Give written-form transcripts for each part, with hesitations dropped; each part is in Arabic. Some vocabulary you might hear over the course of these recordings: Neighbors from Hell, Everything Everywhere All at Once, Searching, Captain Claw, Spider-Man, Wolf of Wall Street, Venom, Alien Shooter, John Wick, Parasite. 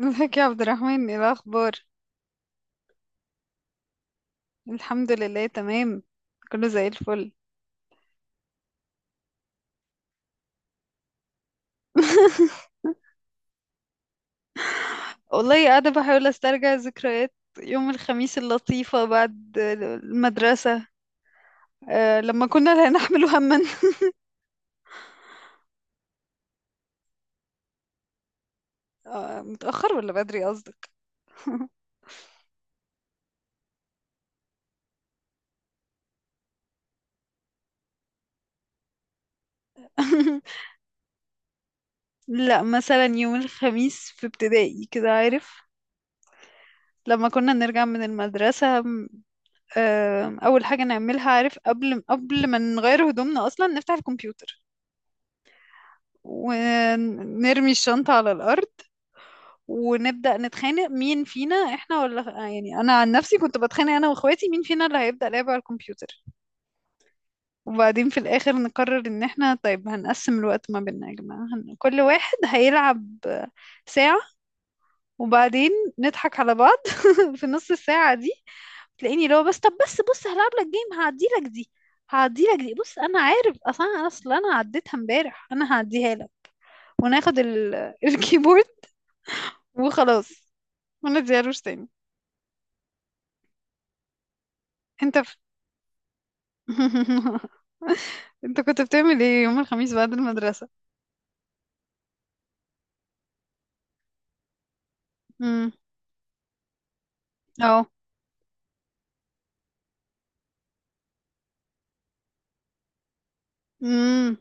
ازيك يا عبد الرحمن، ايه الاخبار؟ الحمد لله، تمام. كله زي الفل. والله قاعده بحاول استرجع ذكريات يوم الخميس اللطيفه بعد المدرسه، لما كنا لا نحمل هما. أه، متاخر ولا بدري قصدك؟ لا، مثلا يوم الخميس في ابتدائي كده، عارف، لما كنا نرجع من المدرسة، أول حاجة نعملها، عارف، قبل ما نغير هدومنا أصلا، نفتح الكمبيوتر ونرمي الشنطة على الأرض، ونبدأ نتخانق مين فينا احنا، ولا يعني أنا عن نفسي كنت بتخانق أنا وأخواتي مين فينا اللي هيبدأ لعب على الكمبيوتر. وبعدين في الآخر نقرر إن احنا طيب، هنقسم الوقت ما بيننا يا جماعة، كل واحد هيلعب ساعة. وبعدين نضحك على بعض في نص الساعة دي. تلاقيني، لو بس، طب بس بص، هلعب لك جيم، هعدي لك دي. هعدي لك دي، بص انا عارف اصلا، انا اصلا، انا عديتها امبارح، انا هعديها لك. وناخد الكيبورد وخلاص، ما تزيروش تاني. انت ف... انت كنت بتعمل ايه يوم الخميس بعد المدرسة؟ امم. اه. امم.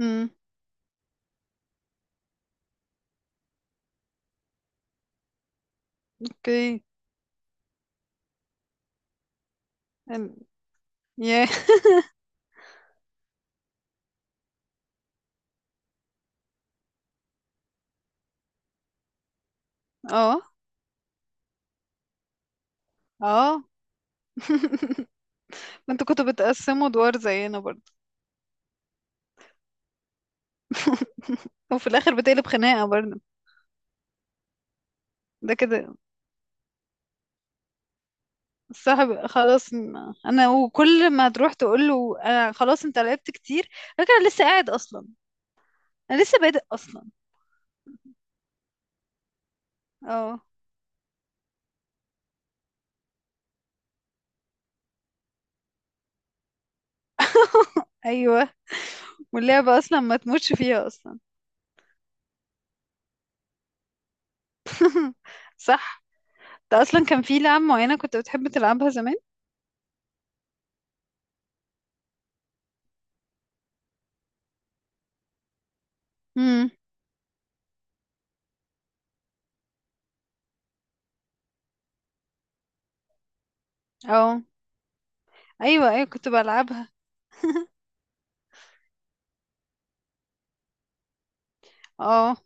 امم. اوكي. ال- ياه. اه. اه. ما انتوا كنتوا بتقسموا ادوار زينا برضه؟ وفي الاخر بتقلب خناقة برضه. ده كده. الصاحب خلاص. انا، وكل ما تروح تقول له انا خلاص انت لعبت كتير، لكن انا لسه قاعد اصلا. انا لسه بادئ اصلا. اه. ايوه. واللعبة اصلا ما تموتش فيها اصلا. صح. انت اصلا كان في لعبة معينة كنت بتحب تلعبها زمان؟ امم. اه. ايوه، ايوه كنت بلعبها. اه.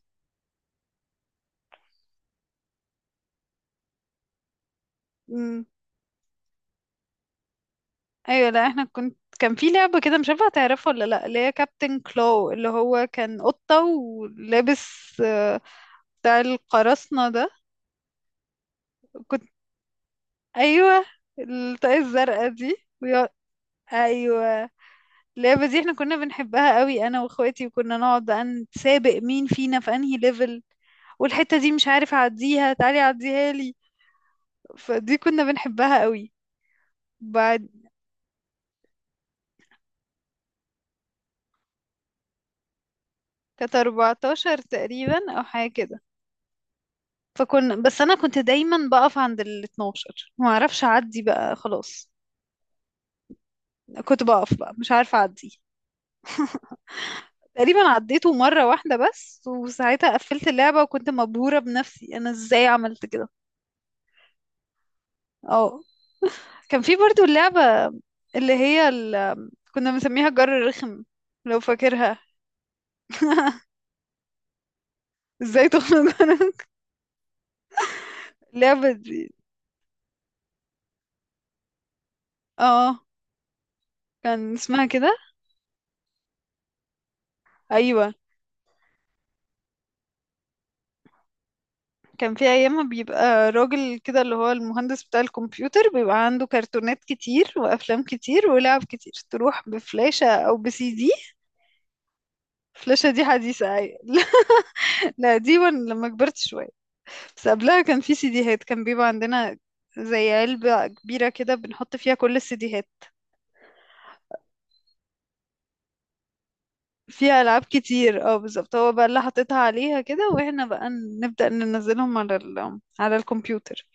امم. ايوه. لا احنا كنت كان في لعبة كده، مش عارفة هتعرفها ولا لا، اللي هي كابتن كلو اللي هو كان قطة ولابس بتاع القراصنة ده. كنت. ايوه. الطاقية الزرقاء دي. ويقعد- ايوه. اللعبة دي احنا كنا بنحبها قوي انا واخواتي، وكنا نقعد بقى نتسابق مين فينا في انهي ليفل. والحتة دي مش عارف اعديها، تعالي عديها لي. فدي كنا بنحبها قوي. بعد كانت 14 تقريبا او حاجه كده. فكنا، بس انا كنت دايما بقف عند ال 12، ما اعرفش اعدي بقى خلاص. كنت بقف بقى، مش عارفه اعدي. تقريبا عديته مره واحده بس، وساعتها قفلت اللعبه، وكنت مبهوره بنفسي انا ازاي عملت كده. اه. كان في برضو اللعبه اللي هي كنا بنسميها جر الرخم، لو فاكرها. ازاي تخنق. اللعبه دي. اه. كان اسمها كده. ايوه. كان في ايام ما بيبقى راجل كده اللي هو المهندس بتاع الكمبيوتر، بيبقى عنده كرتونات كتير وافلام كتير ولعب كتير، تروح بفلاشة او بسي دي. الفلاشة دي حديثة أي؟ لا. لا، دي وأنا لما كبرت شوية. بس قبلها كان في سيديهات، كان بيبقى عندنا زي علبة كبيرة كده بنحط فيها كل السيديهات. فيها ألعاب كتير، اه بالظبط، هو بقى اللي حاططها عليها كده، واحنا بقى نبدأ ننزلهم على على الكمبيوتر.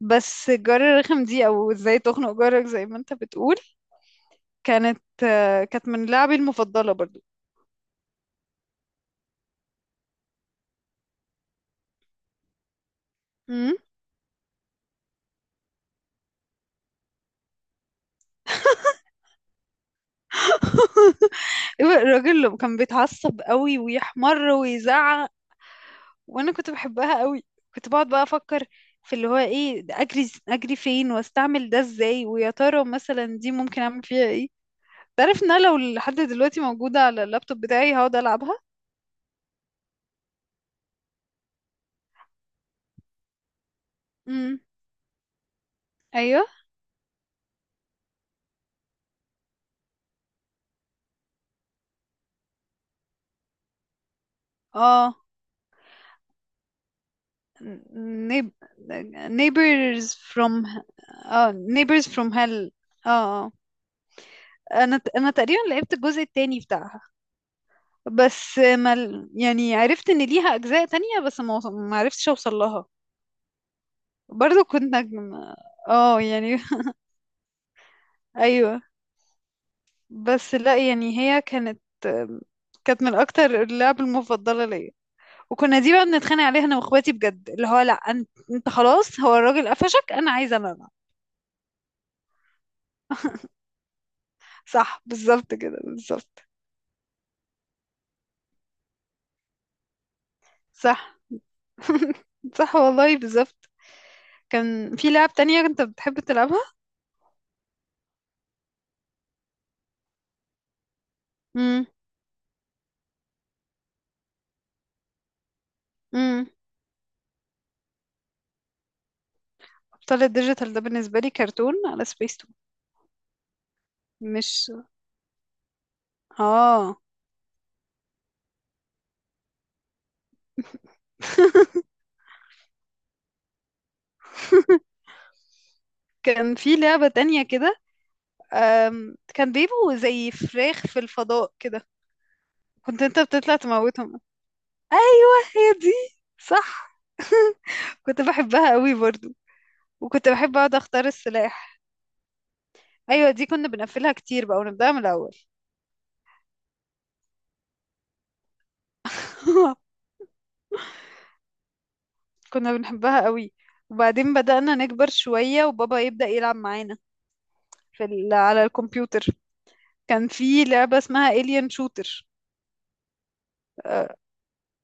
بس الجار الرخم دي، او ازاي تخنق جارك زي ما انت بتقول، كانت من لعبي المفضلة برضو. مم. الراجل اللي كان بيتعصب قوي ويحمر ويزعق. وانا كنت بحبها قوي. كنت بقعد بقى افكر في اللي هو ايه ده، اجري اجري فين، واستعمل ده ازاي، ويا ترى مثلا دي ممكن اعمل فيها ايه. تعرف ان انا لو لحد دلوقتي موجودة على اللابتوب بتاعي هقعد العبها. امم. ايوه. اه. نيب... neighbors from اه neighbors from hell. اه. آه. انا تقريبا لعبت الجزء التاني بتاعها. بس ما يعني عرفت ان ليها اجزاء تانية، بس ما عرفتش اوصل لها. برضو كنت نجم. اه يعني. ايوه. بس لا يعني، هي كانت من اكتر اللعب المفضله ليا. وكنا دي بقى بنتخانق عليها انا واخواتي بجد، اللي هو لا انت خلاص، هو الراجل قفشك انا عايزه انا بقى. صح بالظبط كده بالظبط. صح. صح والله بالظبط. كان في لعب تانية كنت بتحب تلعبها؟ امم. طلع الديجيتال ده بالنسبة لي كرتون على سبيستون. مش. اه. كان في لعبة تانية كده، كان بيبقوا زي فراخ في الفضاء كده. كنت انت بتطلع تموتهم. ايوه، هي دي صح. كنت بحبها قوي برضو. وكنت بحب اقعد اختار السلاح. ايوه، دي كنا بنقفلها كتير بقى ونبدأها من الاول. كنا بنحبها قوي. وبعدين بدأنا نكبر شوية، وبابا يبدأ يلعب معانا في على الكمبيوتر. كان في لعبة اسمها Alien Shooter. آه،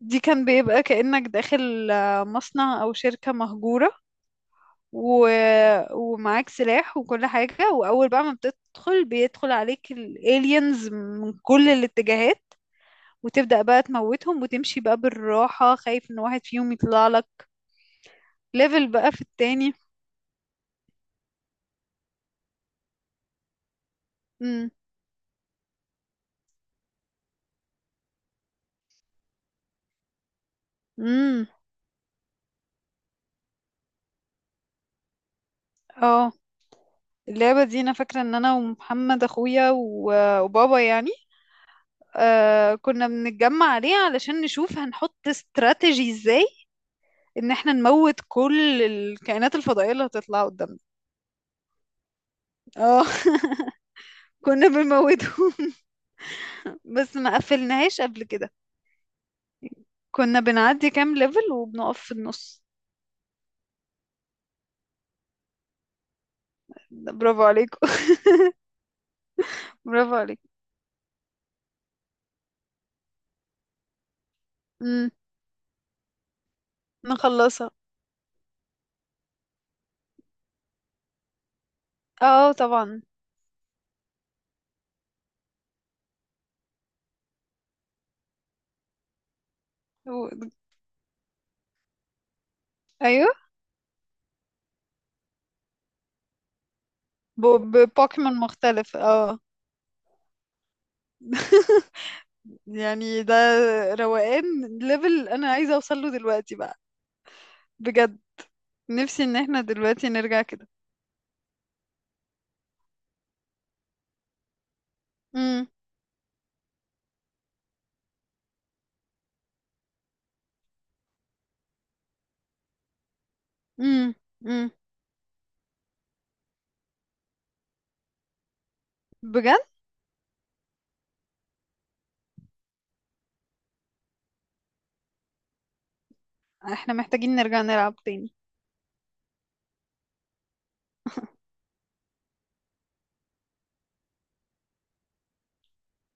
دي كان بيبقى كأنك داخل مصنع أو شركة مهجورة. و... ومعاك سلاح وكل حاجة، وأول بقى ما بتدخل بيدخل عليك الالينز من كل الاتجاهات، وتبدأ بقى تموتهم وتمشي بقى بالراحة خايف إن واحد فيهم يطلع لك. ليفل بقى في التاني. امم. امم. اه. اللعبة دي أنا فاكرة إن أنا ومحمد أخويا وبابا يعني، كنا بنتجمع عليه علشان نشوف هنحط استراتيجي ازاي ان احنا نموت كل الكائنات الفضائية اللي هتطلع قدامنا. اه. كنا بنموتهم. بس ما قفلناهاش قبل كده. كنا بنعدي كام ليفل وبنقف في النص. برافو عليكم. برافو عليك. امم. نخلصها. اه طبعا. و- ايوه. ب- ببوكيمون مختلف. اه. يعني ده روقان، ليفل انا عايزه اوصل له دلوقتي بقى. بجد، نفسي ان احنا دلوقتي نرجع كده. امم. امم. امم. بجد، احنا محتاجين نرجع نلعب تاني.